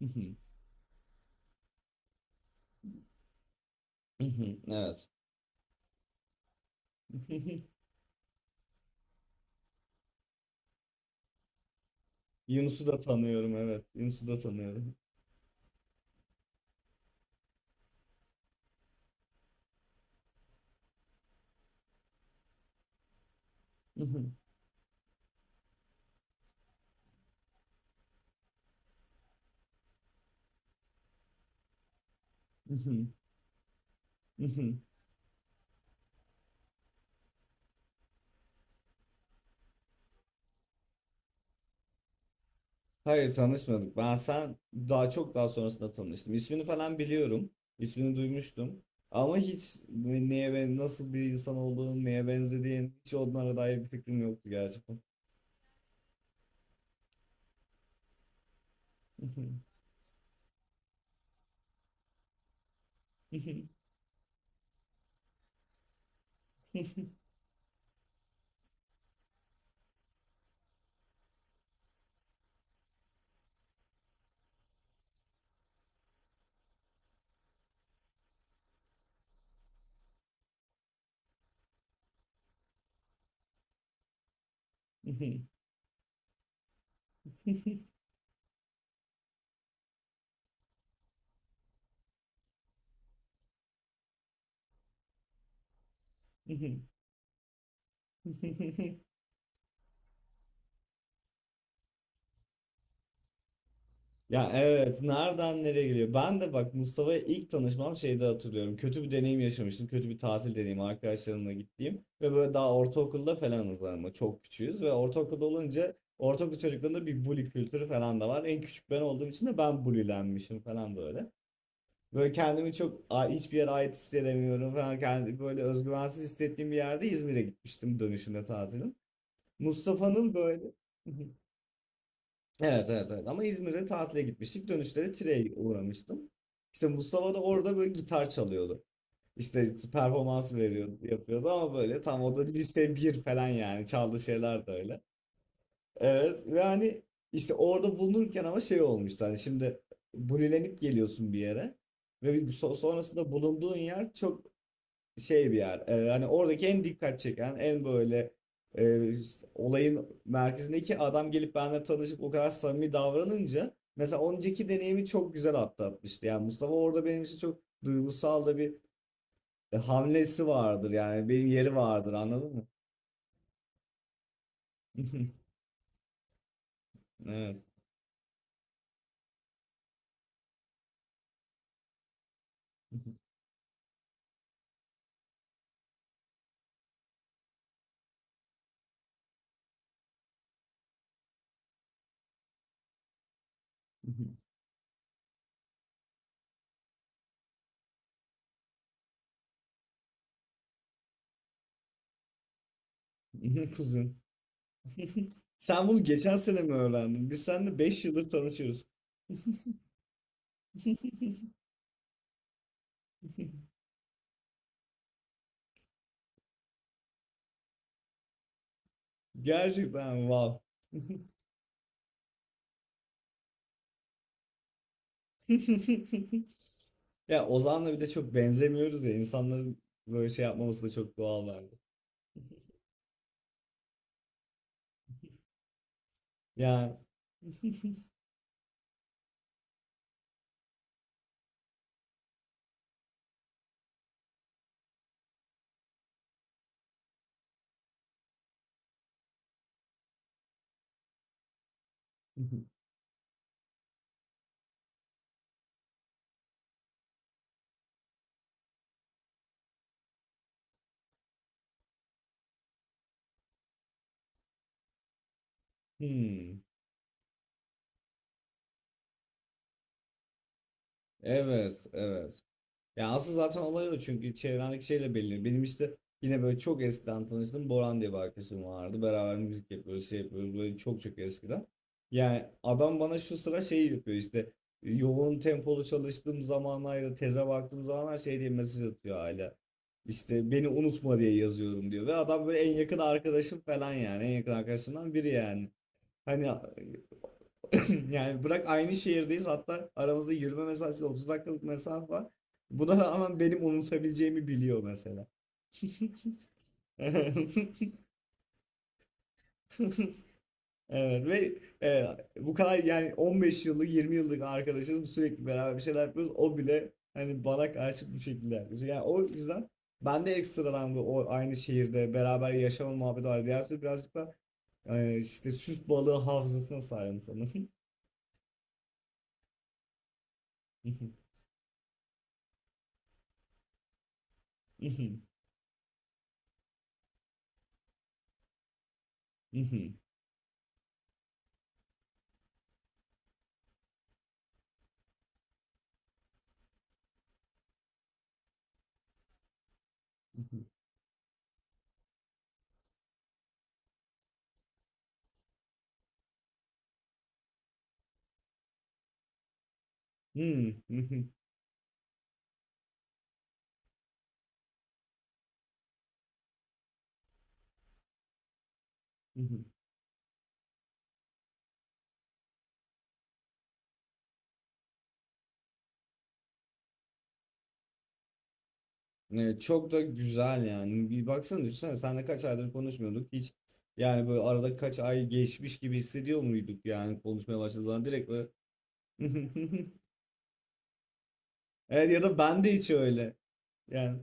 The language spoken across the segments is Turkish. Hı hı. Hı hı. Evet. Yunus'u da tanıyorum, evet. Yunus'u da tanıyorum. Hı hı. Hı hı. Hı hı. Hayır, tanışmadık. Ben sen daha çok daha sonrasında tanıştım. İsmini falan biliyorum. İsmini duymuştum. Ama hiç neye ben nasıl bir insan olduğunu, neye benzediğin, hiç onlara dair bir fikrim yoktu gerçekten. Hı hı. Hı hı. Hı hı. Hı hı. Hı hı. Hı hı. Hı hı. Ya evet, nereden nereye geliyor? Ben de bak, Mustafa'ya ilk tanışmam şeyde hatırlıyorum. Kötü bir deneyim yaşamıştım. Kötü bir tatil deneyimi, arkadaşlarımla gittiğim. Ve böyle daha ortaokulda falanız ama çok küçüğüz. Ve ortaokulda olunca ortaokul çocuklarında bir bully kültürü falan da var. En küçük ben olduğum için de ben bullylenmişim falan böyle. Böyle kendimi çok hiçbir yere ait hissedemiyorum falan. Kendimi böyle özgüvensiz hissettiğim bir yerde İzmir'e gitmiştim, dönüşünde tatilin. Mustafa'nın böyle… Evet, evet, evet, ama İzmir'e tatile gitmiştik. Dönüşte de Tire'ye uğramıştım. İşte Mustafa da orada böyle gitar çalıyordu. İşte performans veriyordu, yapıyordu ama böyle tam o da lise 1 falan, yani çaldığı şeyler de öyle. Evet ve hani işte orada bulunurken ama şey olmuştu, hani şimdi bulilenip geliyorsun bir yere ve bir sonrasında bulunduğun yer çok şey bir yer. Hani oradaki en dikkat çeken, en böyle e, olayın merkezindeki adam gelip benimle tanışıp o kadar samimi davranınca mesela önceki deneyimi çok güzel atlatmıştı. Yani Mustafa orada benim için çok duygusal da bir hamlesi vardır. Yani benim yeri vardır, anladın mı? Evet. Kuzum. Sen bunu geçen sene mi öğrendin? Biz seninle beş yıldır tanışıyoruz. Gerçekten, wow. Ya Ozan'la bir de çok benzemiyoruz ya. İnsanların böyle şey yapmaması da çok doğal bence. Ya. Hmm. Evet, evet. Ya aslında zaten olay o, çünkü çevrendeki şeyle belirli. Benim işte yine böyle çok eskiden tanıştığım Boran diye bir arkadaşım vardı. Beraber müzik yapıyoruz, şey yapıyoruz böyle çok çok eskiden. Yani adam bana şu sıra şey yapıyor, işte yoğun tempolu çalıştığım zamanlar ya da teze baktığım zamanlar şey diye mesaj atıyor hala. İşte beni unutma diye yazıyorum diyor. Ve adam böyle en yakın arkadaşım falan, yani en yakın arkadaşından biri yani. Hani… Yani bırak, aynı şehirdeyiz, hatta aramızda yürüme mesafesi 30 dakikalık mesafe var. Buna rağmen benim unutabileceğimi biliyor mesela. Evet ve e, bu kadar yani 15 yıllık 20 yıllık arkadaşız, sürekli beraber bir şeyler yapıyoruz. O bile hani bana karşı bu şekilde yaklaşıyor. Yani o yüzden ben de ekstradan bu o aynı şehirde beraber yaşama muhabbeti var. Diğer türlü birazcık da işte süs balığı hafızasına sahibim sanırım. Hı hı. Evet, çok da güzel yani. Bir baksana, düşünsene, senle kaç aydır konuşmuyorduk hiç. Yani böyle arada kaç ay geçmiş gibi hissediyor muyduk yani, konuşmaya başladığımız zaman direkt böyle. Evet, ya da ben de hiç öyle. Yani.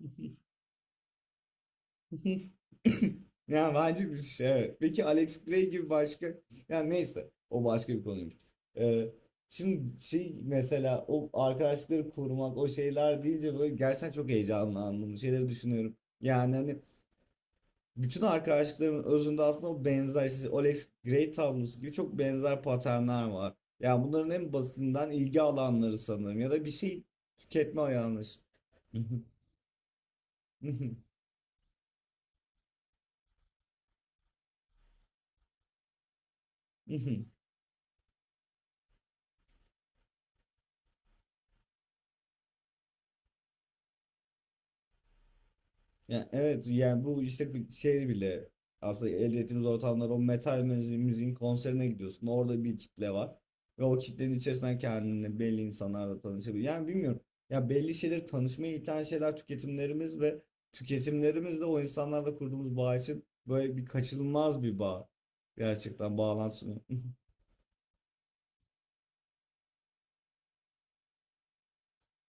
Yani bence bir şey, evet. Peki Alex Gray gibi başka, yani neyse, o başka bir konuymuş. Ee, Şimdi şey mesela, o arkadaşları korumak o şeyler deyince böyle gerçekten çok heyecanlandım. Bu şeyleri düşünüyorum. Yani hani bütün arkadaşlıkların özünde aslında o benzer, işte Alex Gray tablosu gibi çok benzer paternler var. Yani bunların en basitinden ilgi alanları sanırım ya da bir şey tüketme yanlış. Yani evet, yani bu işte bir şey bile aslında elde ettiğimiz ortamlar, o metal müziğin konserine gidiyorsun. Orada bir kitle var. Ve o kitlenin içerisinden kendini belli insanlarla tanışabilir. Yani bilmiyorum. Ya belli şeyler tanışmaya iten şeyler tüketimlerimiz ve tüketimlerimizle o insanlarla kurduğumuz bağ için böyle bir kaçınılmaz bir bağ. Gerçekten bağlantısını.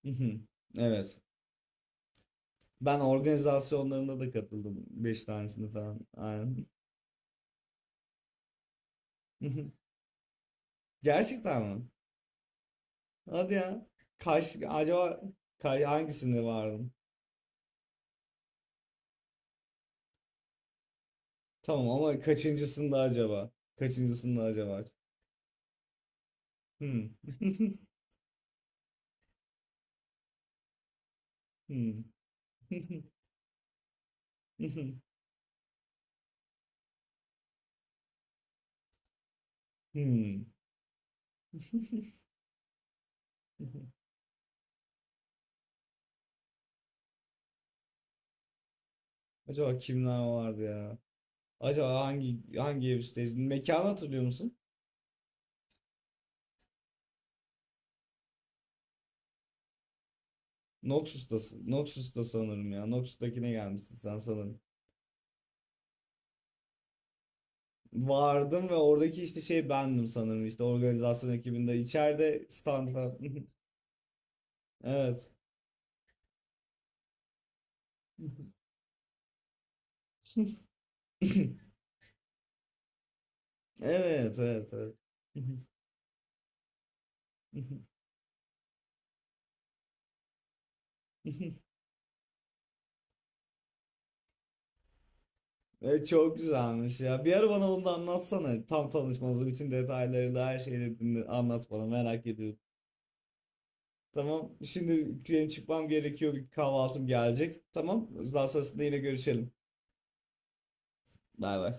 Evet. Ben organizasyonlarında da katıldım. Beş tanesini falan. Aynen. Gerçekten mi? Hadi ya. Kaç, acaba hangisinde vardın? Tamam ama kaçıncısında acaba? Kaçıncısında acaba? Hmm. Hmm. Hmm. Acaba kimler vardı ya? Acaba hangi evisteyiz? Mekanı hatırlıyor musun? Noxus'tasın. Noxus'ta sanırım ya. Noxus'takine gelmişsin sen sanırım. Vardım ve oradaki işte şey bendim sanırım, işte organizasyon ekibinde içeride stand falan. Evet. Evet, evet, evet. Evet, çok güzelmiş ya. Bir ara bana onu da anlatsana. Tam tanışmanızı, bütün detaylarıyla her şeyle dinle, anlat bana, merak ediyorum. Tamam. Şimdi benim çıkmam gerekiyor. Bir kahvaltım gelecek. Tamam. Daha sonrasında yine görüşelim. Bay bay.